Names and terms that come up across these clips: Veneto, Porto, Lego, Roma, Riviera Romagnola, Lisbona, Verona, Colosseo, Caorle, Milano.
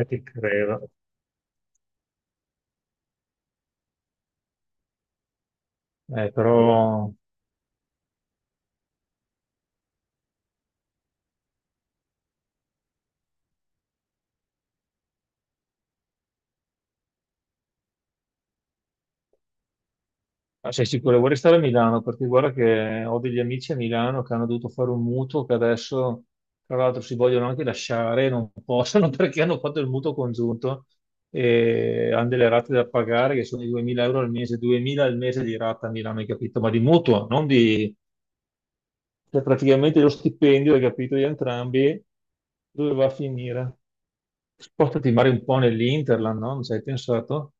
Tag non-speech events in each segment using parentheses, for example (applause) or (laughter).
E ti credo. Però ah, sei sicuro, vorrei stare a Milano perché guarda che ho degli amici a Milano che hanno dovuto fare un mutuo che adesso, tra l'altro, si vogliono anche lasciare, non possono (laughs) perché hanno fatto il mutuo congiunto e hanno delle rate da pagare che sono di 2.000 euro al mese, 2.000 al mese di rata a Milano, hai capito? Ma di mutuo, non di. Cioè praticamente lo stipendio, hai capito, di entrambi, dove va a finire? Spostati magari un po' nell'Interland, no? Non ci hai pensato?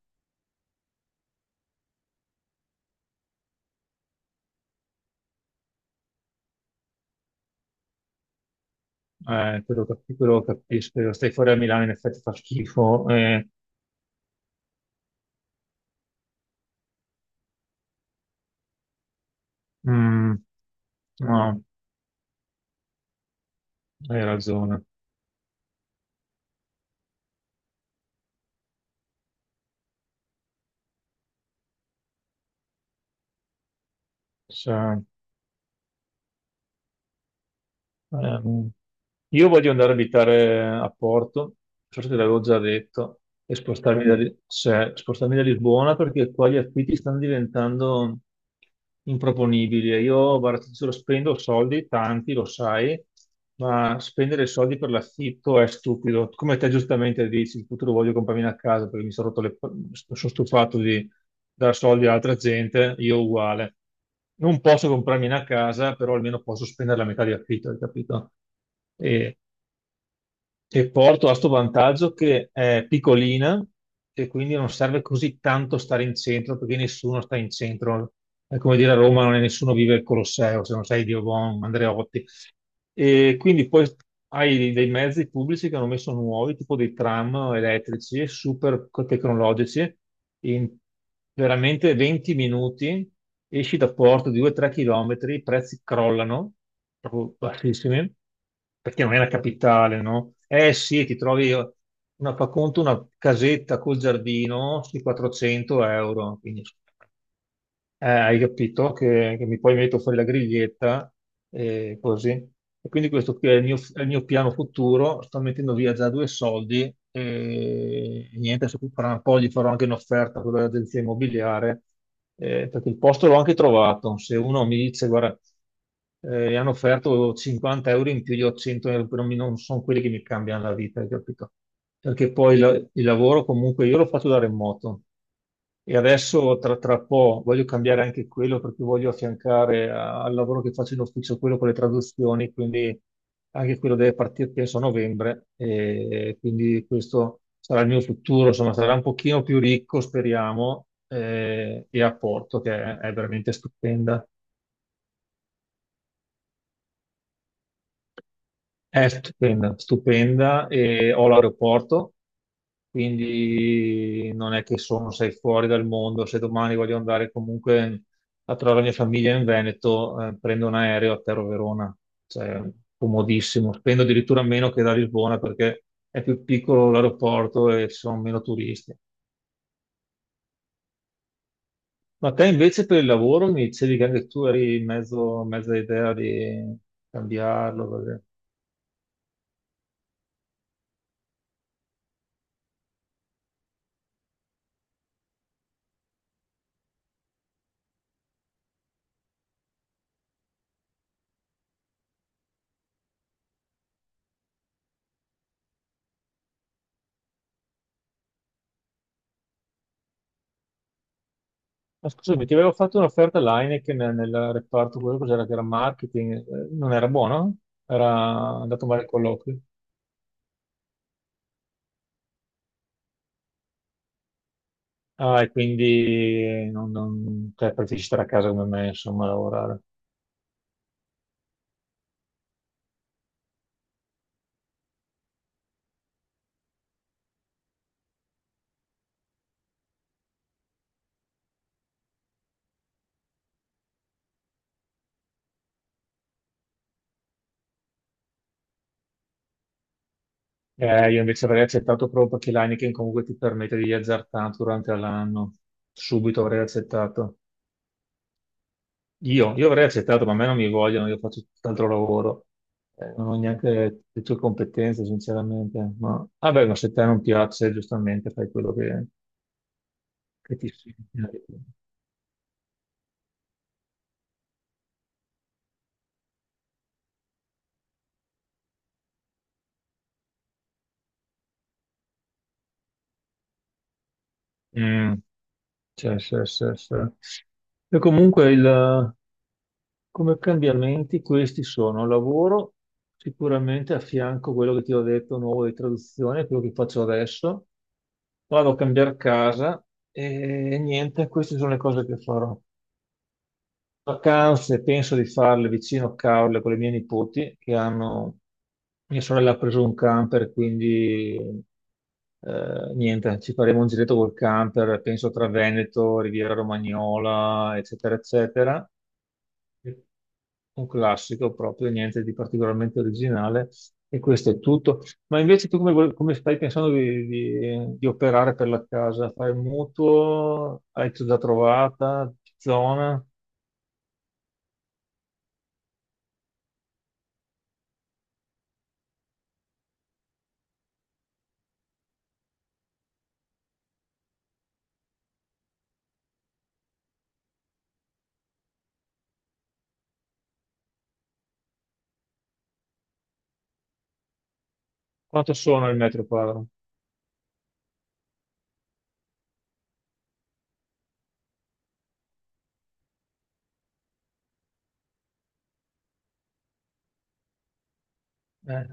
Quello capisco, io stai fuori a Milano in effetti fa schifo. Eh, mm, no, hai ragione. Cioè, Ehm, io voglio andare a abitare a Porto, non so se te l'avevo già detto, e cioè, spostarmi da Lisbona perché qua gli affitti stanno diventando improponibili. E io, guarda, ti giuro, spendo soldi, tanti, lo sai, ma spendere soldi per l'affitto è stupido. Come te giustamente dici, in futuro voglio comprarmi una casa perché mi sono rotto le. Sono stufato di dare soldi a altra gente, io uguale non posso comprarmi una casa, però almeno posso spendere la metà di affitto, hai capito? E e Porto ha sto vantaggio che è piccolina e quindi non serve così tanto stare in centro perché nessuno sta in centro. È come dire a Roma non è nessuno vive il Colosseo, se non sei Diobon, Andreotti. E quindi poi hai dei mezzi pubblici che hanno messo nuovi, tipo dei tram elettrici, super tecnologici. In veramente 20 minuti esci da Porto di 2-3 km, i prezzi crollano proprio bassissime, perché non è la capitale, no? Eh sì, ti trovi una, fa conto, una casetta col giardino sui 400 euro, quindi hai capito che mi poi metto fuori la griglietta e così. E quindi questo qui è il mio piano futuro. Sto mettendo via già due soldi e niente, adesso fra un po' gli farò anche un'offerta a quella dell'agenzia immobiliare perché il posto l'ho anche trovato. Se uno mi dice, guarda, gli hanno offerto 50 euro in più, io ho 100 euro, però non sono quelli che mi cambiano la vita, hai capito? Perché poi la- il lavoro comunque io lo faccio da remoto. E adesso tra po' voglio cambiare anche quello perché voglio affiancare al lavoro che faccio in ufficio quello con le traduzioni, quindi anche quello deve partire penso a novembre e quindi questo sarà il mio futuro, insomma sarà un pochino più ricco speriamo e a Porto che è veramente stupenda. È stupenda, stupenda e ho l'aeroporto, quindi non è che sono, sei fuori dal mondo. Se domani voglio andare comunque a trovare la mia famiglia in Veneto, prendo un aereo, atterro a Verona, cioè comodissimo. Spendo addirittura meno che da Lisbona perché è più piccolo l'aeroporto e ci sono meno turisti. Ma te invece per il lavoro mi dicevi che anche tu eri in mezzo, mezza idea di cambiarlo. Ma scusami, ti avevo fatto un'offerta all'Heineken nel reparto, quello cos'era che era marketing, non era buono? Era andato male il colloquio. Ah, e quindi non, cioè, preferisci stare a casa come me, insomma, a lavorare. Io invece avrei accettato proprio perché l'Heineken comunque ti permette di viaggiare tanto durante l'anno. Subito avrei accettato. Io avrei accettato, ma a me non mi vogliono, io faccio tutt'altro lavoro. Non ho neanche le tue competenze, sinceramente. Ma vabbè, ma se a te non piace, giustamente fai quello che ti segnali. Mm, sì, sì, sì, sì. E comunque come cambiamenti questi sono lavoro sicuramente a fianco quello che ti ho detto nuovo di traduzione, quello che faccio adesso. Vado a cambiare casa e niente, queste sono le cose che farò. Vacanze penso di farle vicino a Caorle con le mie nipoti che hanno, mia sorella ha preso un camper, quindi niente, ci faremo un giretto col camper, penso tra Veneto, Riviera Romagnola, eccetera, eccetera. Un classico proprio, niente di particolarmente originale e questo è tutto. Ma invece tu come, come stai pensando di, di operare per la casa? Fai un mutuo? Hai già trovata? Zona? Quanto sono il metro quadro? Eh,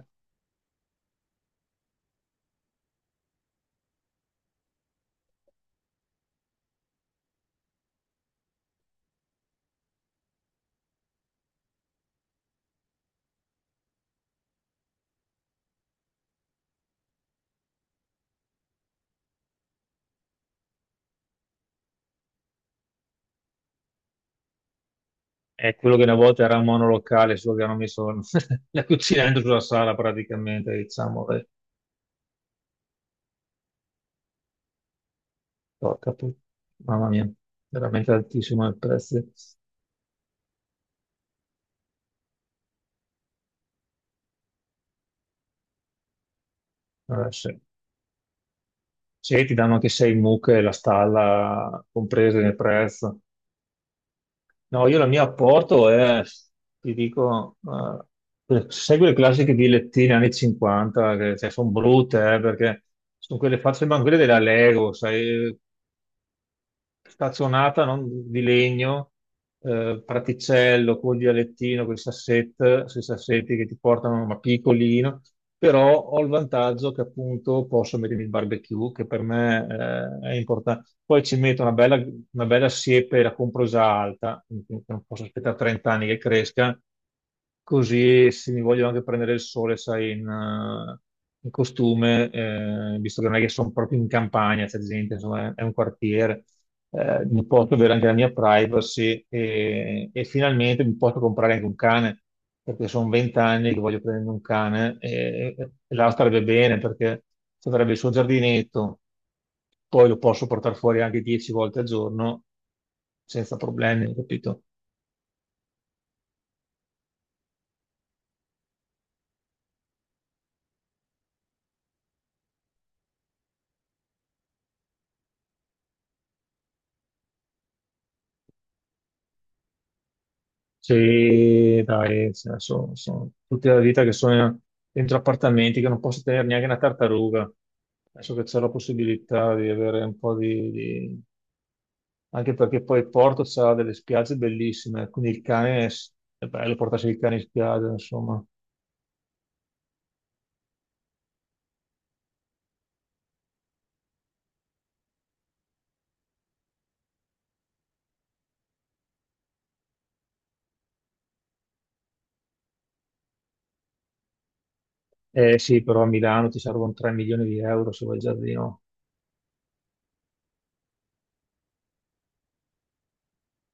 è quello che una volta era un monolocale, solo che hanno messo (laughs) la cucina dentro sulla sala praticamente, diciamo. Beh, porca pu-, mamma mia, veramente altissimo il prezzo. Allora, se, se ti danno anche sei mucche e la stalla comprese nel prezzo. No, io la mia apporto è, ti dico, segue le classiche dilettine anni 50, che sono brutte, perché sono quelle fatte, sembrano quelle della Lego, sai, stazionata, non di legno, praticello, col dialettino, con i sui sassetti che ti portano, ma piccolino, però ho il vantaggio che appunto posso mettermi il barbecue, che per me, è importante. Poi ci metto una bella siepe, la compro già alta, quindi non posso aspettare 30 anni che cresca, così se mi voglio anche prendere il sole, sai, in costume, visto che non è che sono proprio in campagna, c'è gente, insomma, è un quartiere mi posso avere anche la mia privacy e finalmente mi posso comprare anche un cane, perché sono vent'anni che voglio prendere un cane e là starebbe bene perché ci avrebbe il suo giardinetto, poi lo posso portare fuori anche 10 volte al giorno senza problemi, capito? Sì, dai, sono tutta la vita che sono dentro appartamenti che non posso tenere neanche una tartaruga. Adesso che c'è la possibilità di avere un po' anche perché poi il Porto ha delle spiagge bellissime, quindi il cane è bello portarsi il cane in spiaggia, insomma. Eh sì, però a Milano ti servono 3 milioni di euro se vuoi il giardino.